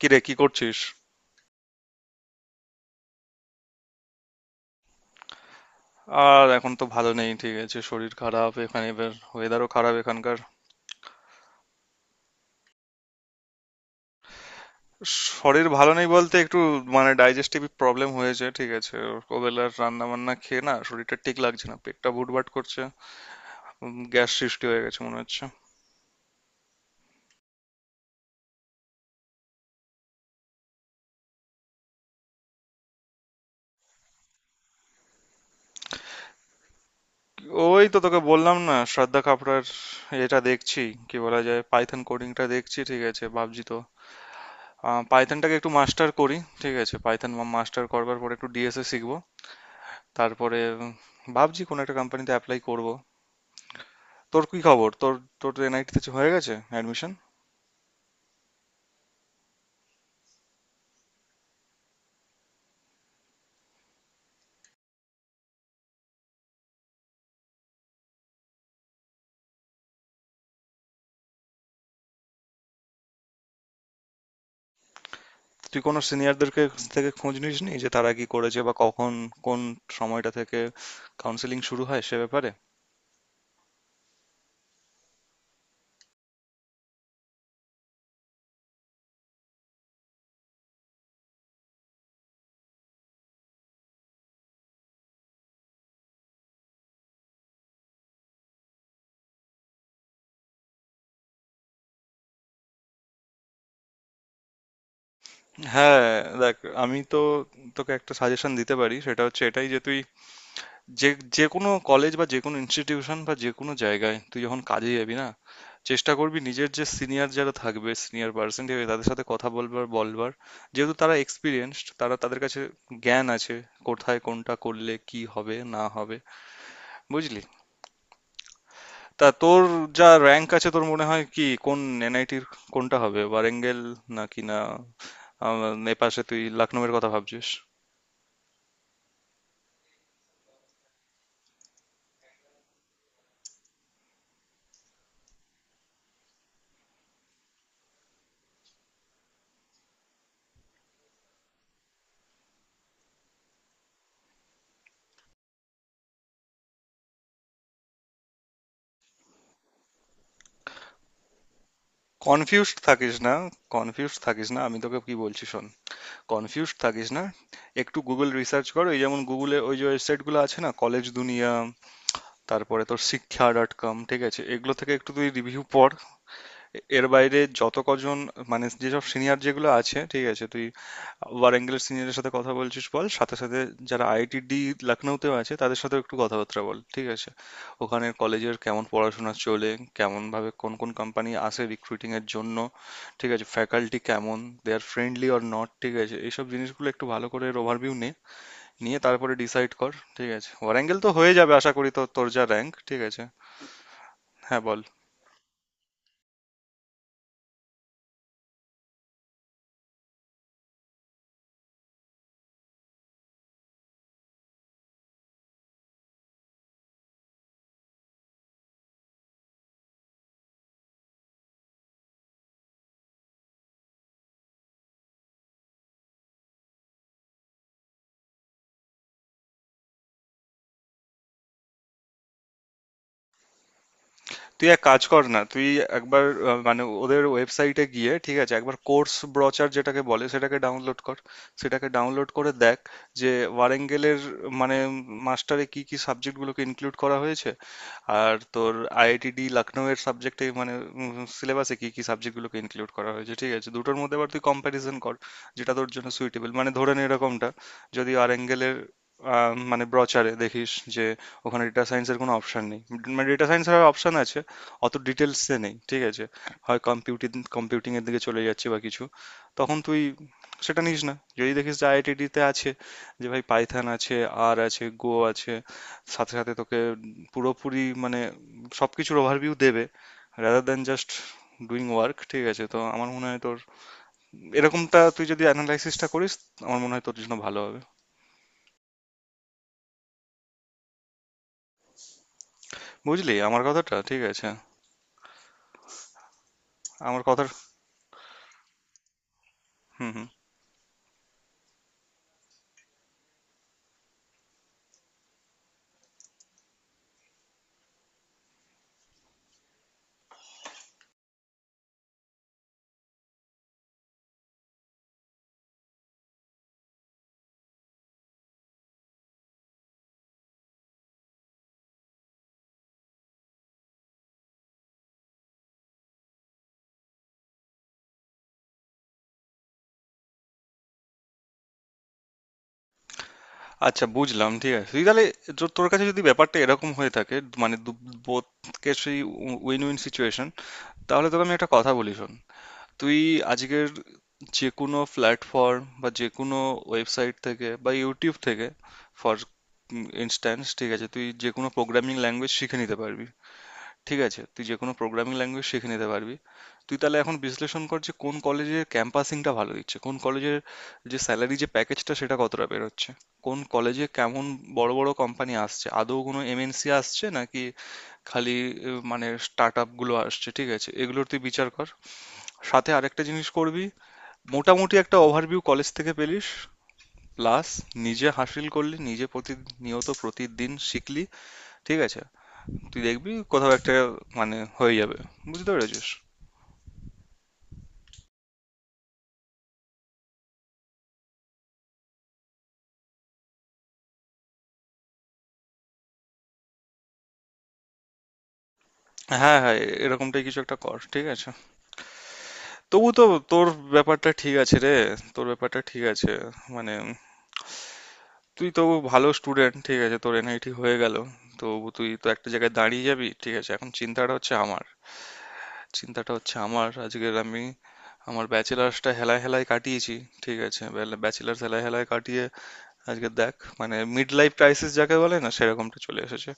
কিরে, কি করছিস? আর এখন তো ভালো নেই, ঠিক আছে? শরীর খারাপ এখানে, এবার ওয়েদারও খারাপ এখানকার। শরীর ভালো নেই বলতে একটু মানে ডাইজেস্টিভ প্রবলেম হয়েছে, ঠিক আছে। ওবেলার রান্না বান্না খেয়ে না শরীরটা ঠিক লাগছে না, পেটটা ভুটভাট করছে। গ্যাস সৃষ্টি হয়ে গেছে মনে হচ্ছে। ওই তো তোকে বললাম না, শ্রদ্ধা কাপড়ার, এটা দেখছি। কি বলা যায়, পাইথন কোডিংটা দেখছি, ঠিক আছে, ভাবছি তো পাইথনটাকে একটু মাস্টার করি। ঠিক আছে, পাইথন মাস্টার করবার পরে একটু ডিএসএ শিখবো, তারপরে ভাবছি কোনো একটা কোম্পানিতে অ্যাপ্লাই করব। তোর কি খবর? তোর তোর এনআইটি তে হয়ে গেছে অ্যাডমিশন? তুই কোনো সিনিয়রদেরকে থেকে খোঁজ নিসনি যে তারা কি করেছে বা কখন কোন সময়টা থেকে কাউন্সেলিং শুরু হয় সে ব্যাপারে? হ্যাঁ, দেখ, আমি তো তোকে একটা সাজেশন দিতে পারি, সেটা হচ্ছে এটাই যে তুই যে যে কোনো কলেজ বা যে কোনো ইনস্টিটিউশন বা যে কোনো জায়গায় তুই যখন কাজে যাবি না, চেষ্টা করবি নিজের যে সিনিয়র যারা থাকবে, সিনিয়র পার্সন থাকবে, তাদের সাথে কথা বলবার বলবার। যেহেতু তারা এক্সপিরিয়েন্সড, তারা, তাদের কাছে জ্ঞান আছে কোথায় কোনটা করলে কি হবে না হবে। বুঝলি? তা তোর যা র্যাঙ্ক আছে তোর মনে হয় কি, কোন এনআইটির কোনটা হবে? ওয়ারেঙ্গেল, নাকি না, আম, এপাশে তুই লখনউয়ের কথা ভাবছিস? কনফিউজড থাকিস না। কনফিউজড থাকিস না, আমি তোকে কি বলছি শোন। কনফিউজড থাকিস না। একটু গুগল রিসার্চ করো, এই যেমন গুগলে ওই যে ওয়েবসাইটগুলো আছে না, কলেজ দুনিয়া, তারপরে তোর শিক্ষা ডট কম, ঠিক আছে, এগুলো থেকে একটু তুই রিভিউ পড়। এর বাইরে যত কজন মানে যেসব সিনিয়র যেগুলো আছে, ঠিক আছে, তুই ওয়ারাঙ্গলের সিনিয়রের সাথে কথা বলছিস বল, সাথে সাথে যারা আইআইটিডি লখনৌতেও আছে তাদের সাথে একটু কথাবার্তা বল, ঠিক আছে? ওখানে কলেজের কেমন পড়াশোনা চলে, কেমন ভাবে কোন কোন কোম্পানি আসে রিক্রুটিং এর জন্য, ঠিক আছে? ফ্যাকাল্টি কেমন, they are friendly or not, ঠিক আছে, এইসব জিনিসগুলো একটু ভালো করে ওভারভিউ নে, নিয়ে তারপরে ডিসাইড কর। ঠিক আছে, ওয়ারাঙ্গেল তো হয়ে যাবে আশা করি, তো তোর যা র্যাঙ্ক, ঠিক আছে। হ্যাঁ, বল। তুই এক কাজ কর না, তুই একবার মানে ওদের ওয়েবসাইটে গিয়ে, ঠিক আছে, একবার কোর্স ব্রচার যেটাকে বলে সেটাকে ডাউনলোড কর। সেটাকে ডাউনলোড করে দেখ যে ওয়ারেঙ্গেলের মানে মাস্টারে কি কি সাবজেক্টগুলোকে ইনক্লুড করা হয়েছে, আর তোর আইআইটিডি লখনউয়ের সাবজেক্টে মানে সিলেবাসে কি কি সাবজেক্টগুলোকে ইনক্লুড করা হয়েছে, ঠিক আছে, দুটোর মধ্যে আবার তুই কম্প্যারিজন কর, যেটা তোর জন্য সুইটেবল। মানে ধরে নে এরকমটা, যদি ওয়ারেঙ্গেলের মানে ব্রচারে দেখিস যে ওখানে ডেটা সায়েন্সের কোনো অপশন নেই, মানে ডেটা সায়েন্সের অপশন আছে অত ডিটেলসে নেই, ঠিক আছে, হয় কম্পিউটিং, কম্পিউটিং এর দিকে চলে যাচ্ছি বা কিছু, তখন তুই সেটা নিস না। যদি দেখিস যে আইআইটিডি তে আছে যে ভাই পাইথন আছে, আর আছে গো আছে, সাথে সাথে তোকে পুরোপুরি মানে সবকিছুর ওভারভিউ দেবে, rather than just doing work, ঠিক আছে, তো আমার মনে হয় তোর এরকমটা তুই যদি অ্যানালাইসিসটা করিস আমার মনে হয় তোর জন্য ভালো হবে। বুঝলি আমার কথাটা, ঠিক আছে? আমার কথার, হুম হুম। আচ্ছা, বুঝলাম। ঠিক আছে, তুই তাহলে, তোর কাছে যদি ব্যাপারটা এরকম হয়ে থাকে মানে বোথ কেসই উইন উইন সিচুয়েশন, তাহলে তোকে আমি একটা কথা বলি শোন। তুই আজকের যে কোনো প্ল্যাটফর্ম বা যে কোনো ওয়েবসাইট থেকে বা ইউটিউব থেকে, ফর ইনস্ট্যান্স, ঠিক আছে, তুই যে কোনো প্রোগ্রামিং ল্যাঙ্গুয়েজ শিখে নিতে পারবি। ঠিক আছে, তুই যেকোনো প্রোগ্রামিং ল্যাঙ্গুয়েজ শিখে নিতে পারবি। তুই তাহলে এখন বিশ্লেষণ কর যে কোন কলেজের ক্যাম্পাসিংটা ভালো দিচ্ছে, কোন কলেজের যে স্যালারি, যে প্যাকেজটা সেটা কতটা বেরোচ্ছে, কোন কলেজে কেমন বড় বড় কোম্পানি আসছে, আদৌ কোনো এমএনসি আসছে নাকি খালি মানে স্টার্টআপ গুলো আসছে, ঠিক আছে, এগুলোর তুই বিচার কর। সাথে আরেকটা জিনিস করবি, মোটামুটি একটা ওভারভিউ কলেজ থেকে পেলিস, প্লাস নিজে হাসিল করলি, নিজে প্রতিনিয়ত প্রতিদিন শিখলি, ঠিক আছে, তুই দেখবি কোথাও একটা মানে হয়ে যাবে। বুঝতে পেরেছিস? হ্যাঁ হ্যাঁ, এরকমটাই কিছু একটা কর, ঠিক আছে। তবু তো তোর ব্যাপারটা ঠিক আছে রে। তোর ব্যাপারটা ঠিক আছে, মানে তুই তো ভালো স্টুডেন্ট, ঠিক আছে, তোর এনআইটি হয়ে গেল, তবু তুই তো একটা জায়গায় দাঁড়িয়ে যাবি। ঠিক আছে, এখন চিন্তাটা হচ্ছে আমার আজকের, আমি আমার ব্যাচেলার্সটা হেলায় হেলায় কাটিয়েছি। ঠিক আছে, ব্যাচেলার্স হেলায় হেলায় কাটিয়ে আজকে দেখ মানে মিড লাইফ ক্রাইসিস যাকে বলে না, সেরকমটা চলে এসেছে।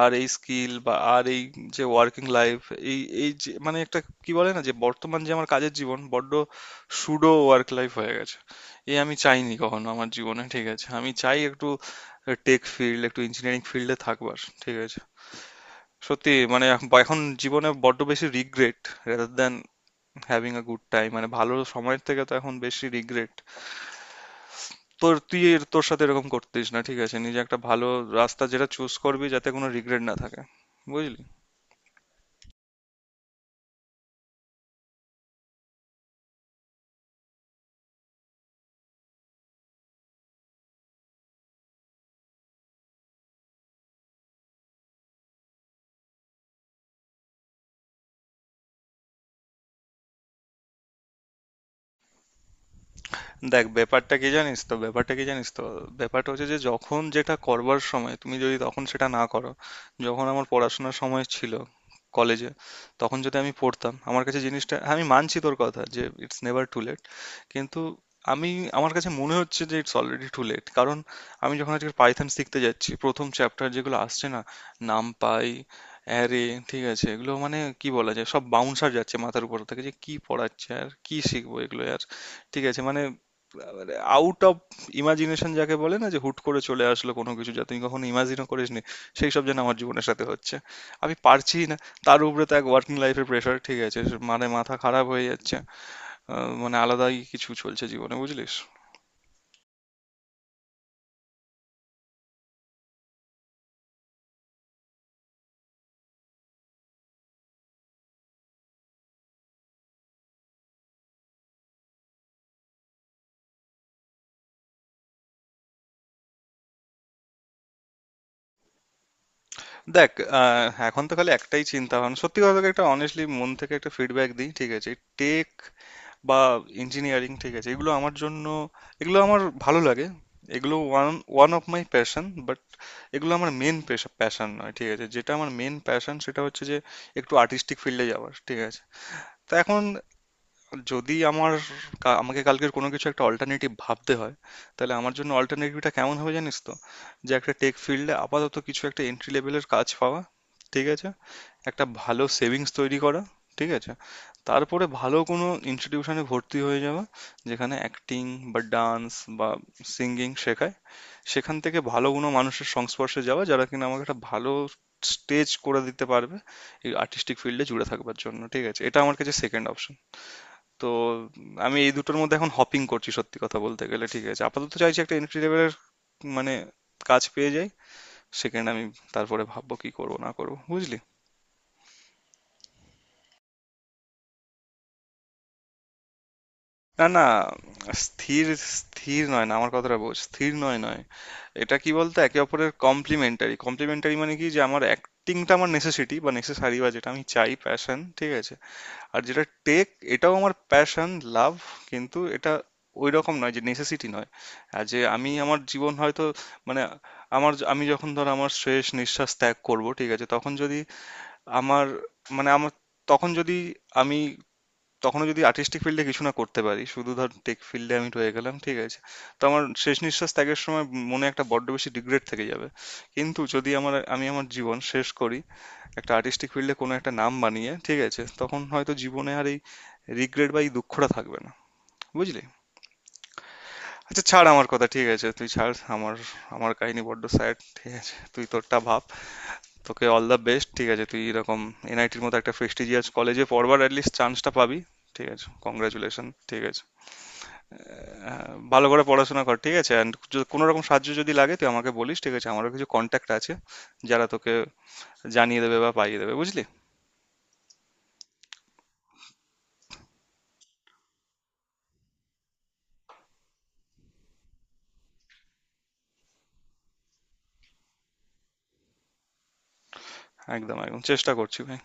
আর এই স্কিল বা আর এই যে ওয়ার্কিং লাইফ, এই এই যে মানে একটা, কি বলে না, যে বর্তমান যে আমার কাজের জীবন বড্ড সুডো ওয়ার্ক লাইফ হয়ে গেছে। এ আমি চাইনি কখনো আমার জীবনে, ঠিক আছে, আমি চাই একটু টেক ফিল্ড, একটু ইঞ্জিনিয়ারিং ফিল্ডে থাকবার, ঠিক আছে। সত্যি মানে এখন এখন জীবনে বড্ড বেশি regret, rather than having a good time, মানে ভালো সময়ের থেকে তো এখন বেশি রিগ্রেট। তোর, তুই এর তোর সাথে এরকম করতিস না, ঠিক আছে, নিজে একটা ভালো রাস্তা যেটা চুজ করবি যাতে কোনো রিগ্রেট না থাকে। বুঝলি? দেখ, ব্যাপারটা কি জানিস তো, ব্যাপারটা হচ্ছে যে যখন যেটা করবার সময় তুমি যদি তখন সেটা না করো। যখন আমার পড়াশোনার সময় ছিল কলেজে, তখন যদি আমি পড়তাম আমার কাছে জিনিসটা, হ্যাঁ, আমি মানছি তোর কথা যে ইটস নেভার টু লেট, কিন্তু আমি, আমার কাছে মনে হচ্ছে যে ইটস অলরেডি টু লেট। কারণ আমি যখন আজকে পাইথন শিখতে যাচ্ছি প্রথম চ্যাপ্টার যেগুলো আসছে না, নামপাই, অ্যারে, ঠিক আছে, এগুলো মানে কি বলা যায়, সব বাউন্সার যাচ্ছে মাথার উপর থেকে, যে কি পড়াচ্ছে আর কি শিখবো এগুলো আর, ঠিক আছে, মানে আউট অফ ইমাজিনেশন যাকে বলে না, যে হুট করে চলে আসলো কোনো কিছু যা তুমি কখনো ইমাজিনও করিসনি, সেই সব যেন আমার জীবনের সাথে হচ্ছে, আমি পারছি না। তার উপরে তো এক ওয়ার্কিং লাইফের প্রেশার, ঠিক আছে, মানে মাথা খারাপ হয়ে যাচ্ছে। মানে আলাদাই কিছু চলছে জীবনে, বুঝলিস? দেখ, এখন তো খালি একটাই চিন্তা ভাবনা, সত্যি কথা তোকে একটা অনেস্টলি মন থেকে একটা ফিডব্যাক দিই, ঠিক আছে। টেক বা ইঞ্জিনিয়ারিং, ঠিক আছে, এগুলো আমার জন্য, এগুলো আমার ভালো লাগে। এগুলো one one of my passion, এগুলো আমার মেন প্যাশন নয়, ঠিক আছে। যেটা আমার মেন প্যাশন সেটা হচ্ছে যে একটু আর্টিস্টিক ফিল্ডে যাওয়ার, ঠিক আছে। তা এখন যদি আমার, আমাকে কালকের কোনো কিছু একটা অল্টারনেটিভ ভাবতে হয়, তাহলে আমার জন্য অল্টারনেটিভটা কেমন হবে জানিস তো, যে একটা টেক ফিল্ডে আপাতত কিছু একটা এন্ট্রি লেভেলের কাজ পাওয়া, ঠিক আছে, একটা ভালো সেভিংস তৈরি করা, ঠিক আছে, তারপরে ভালো কোনো ইনস্টিটিউশনে ভর্তি হয়ে যাওয়া যেখানে অ্যাক্টিং বা ডান্স বা সিঙ্গিং শেখায়, সেখান থেকে ভালো কোনো মানুষের সংস্পর্শে যাওয়া যারা কিনা আমাকে একটা ভালো স্টেজ করে দিতে পারবে এই আর্টিস্টিক ফিল্ডে জুড়ে থাকবার জন্য, ঠিক আছে, এটা আমার কাছে সেকেন্ড অপশন। তো আমি এই দুটোর মধ্যে এখন হপিং করছি সত্যি কথা বলতে গেলে, ঠিক আছে, আপাতত চাইছি একটা এন্ট্রি লেভেলের মানে কাজ পেয়ে যাই, সেকেন্ড আমি তারপরে ভাববো কি করব না করব। বুঝলি? না না, স্থির স্থির নয় না, আমার কথাটা বোঝ, স্থির নয় নয়। এটা কি বলতো, একে অপরের কমপ্লিমেন্টারি কমপ্লিমেন্টারি, মানে কি যে আমার অ্যাক্টিংটা আমার নেসেসিটি বা নেসেসারি বা যেটা আমি চাই, প্যাশন, ঠিক আছে। আর যেটা টেক, এটাও আমার প্যাশন, লাভ, কিন্তু এটা ওই রকম নয়, যে নেসেসিটি নয়। আর যে আমি আমার জীবন হয়তো, মানে আমার আমি যখন ধর আমার শেষ নিঃশ্বাস ত্যাগ করব, ঠিক আছে, তখন যদি আমার, মানে আমার, তখন যদি আমি, তখনও যদি আর্টিস্টিক ফিল্ডে কিছু না করতে পারি, শুধু ধর টেক ফিল্ডে আমি রয়ে গেলাম, ঠিক আছে, তো আমার শেষ নিঃশ্বাস ত্যাগের সময় মনে একটা বড্ড বেশি রিগ্রেট থেকে যাবে। কিন্তু যদি আমার, আমি আমার জীবন শেষ করি একটা আর্টিস্টিক ফিল্ডে কোনো একটা নাম বানিয়ে, ঠিক আছে, তখন হয়তো জীবনে আর এই রিগ্রেট বা এই দুঃখটা থাকবে না। বুঝলি? আচ্ছা, ছাড় আমার কথা, ঠিক আছে, তুই ছাড় আমার, আমার কাহিনী বড্ড স্যাড, ঠিক আছে, তুই তোরটা ভাব। তোকে অল দ্য বেস্ট, ঠিক আছে, তুই এরকম এনআইটির মতো একটা প্রেস্টিজিয়াস কলেজে পড়বার অ্যাটলিস্ট চান্সটা পাবি। ঠিক আছে, কংগ্রাচুলেশন, ঠিক আছে। ভালো করে পড়াশোনা কর, ঠিক আছে, অ্যান্ড কোনো রকম সাহায্য যদি লাগে তুই আমাকে বলিস, ঠিক আছে, আমারও কিছু কন্ট্যাক্ট আছে যারা তোকে জানিয়ে দেবে বা পাইয়ে দেবে, বুঝলি। একদম একদম চেষ্টা করছি ভাই,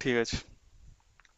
ঠিক আছে।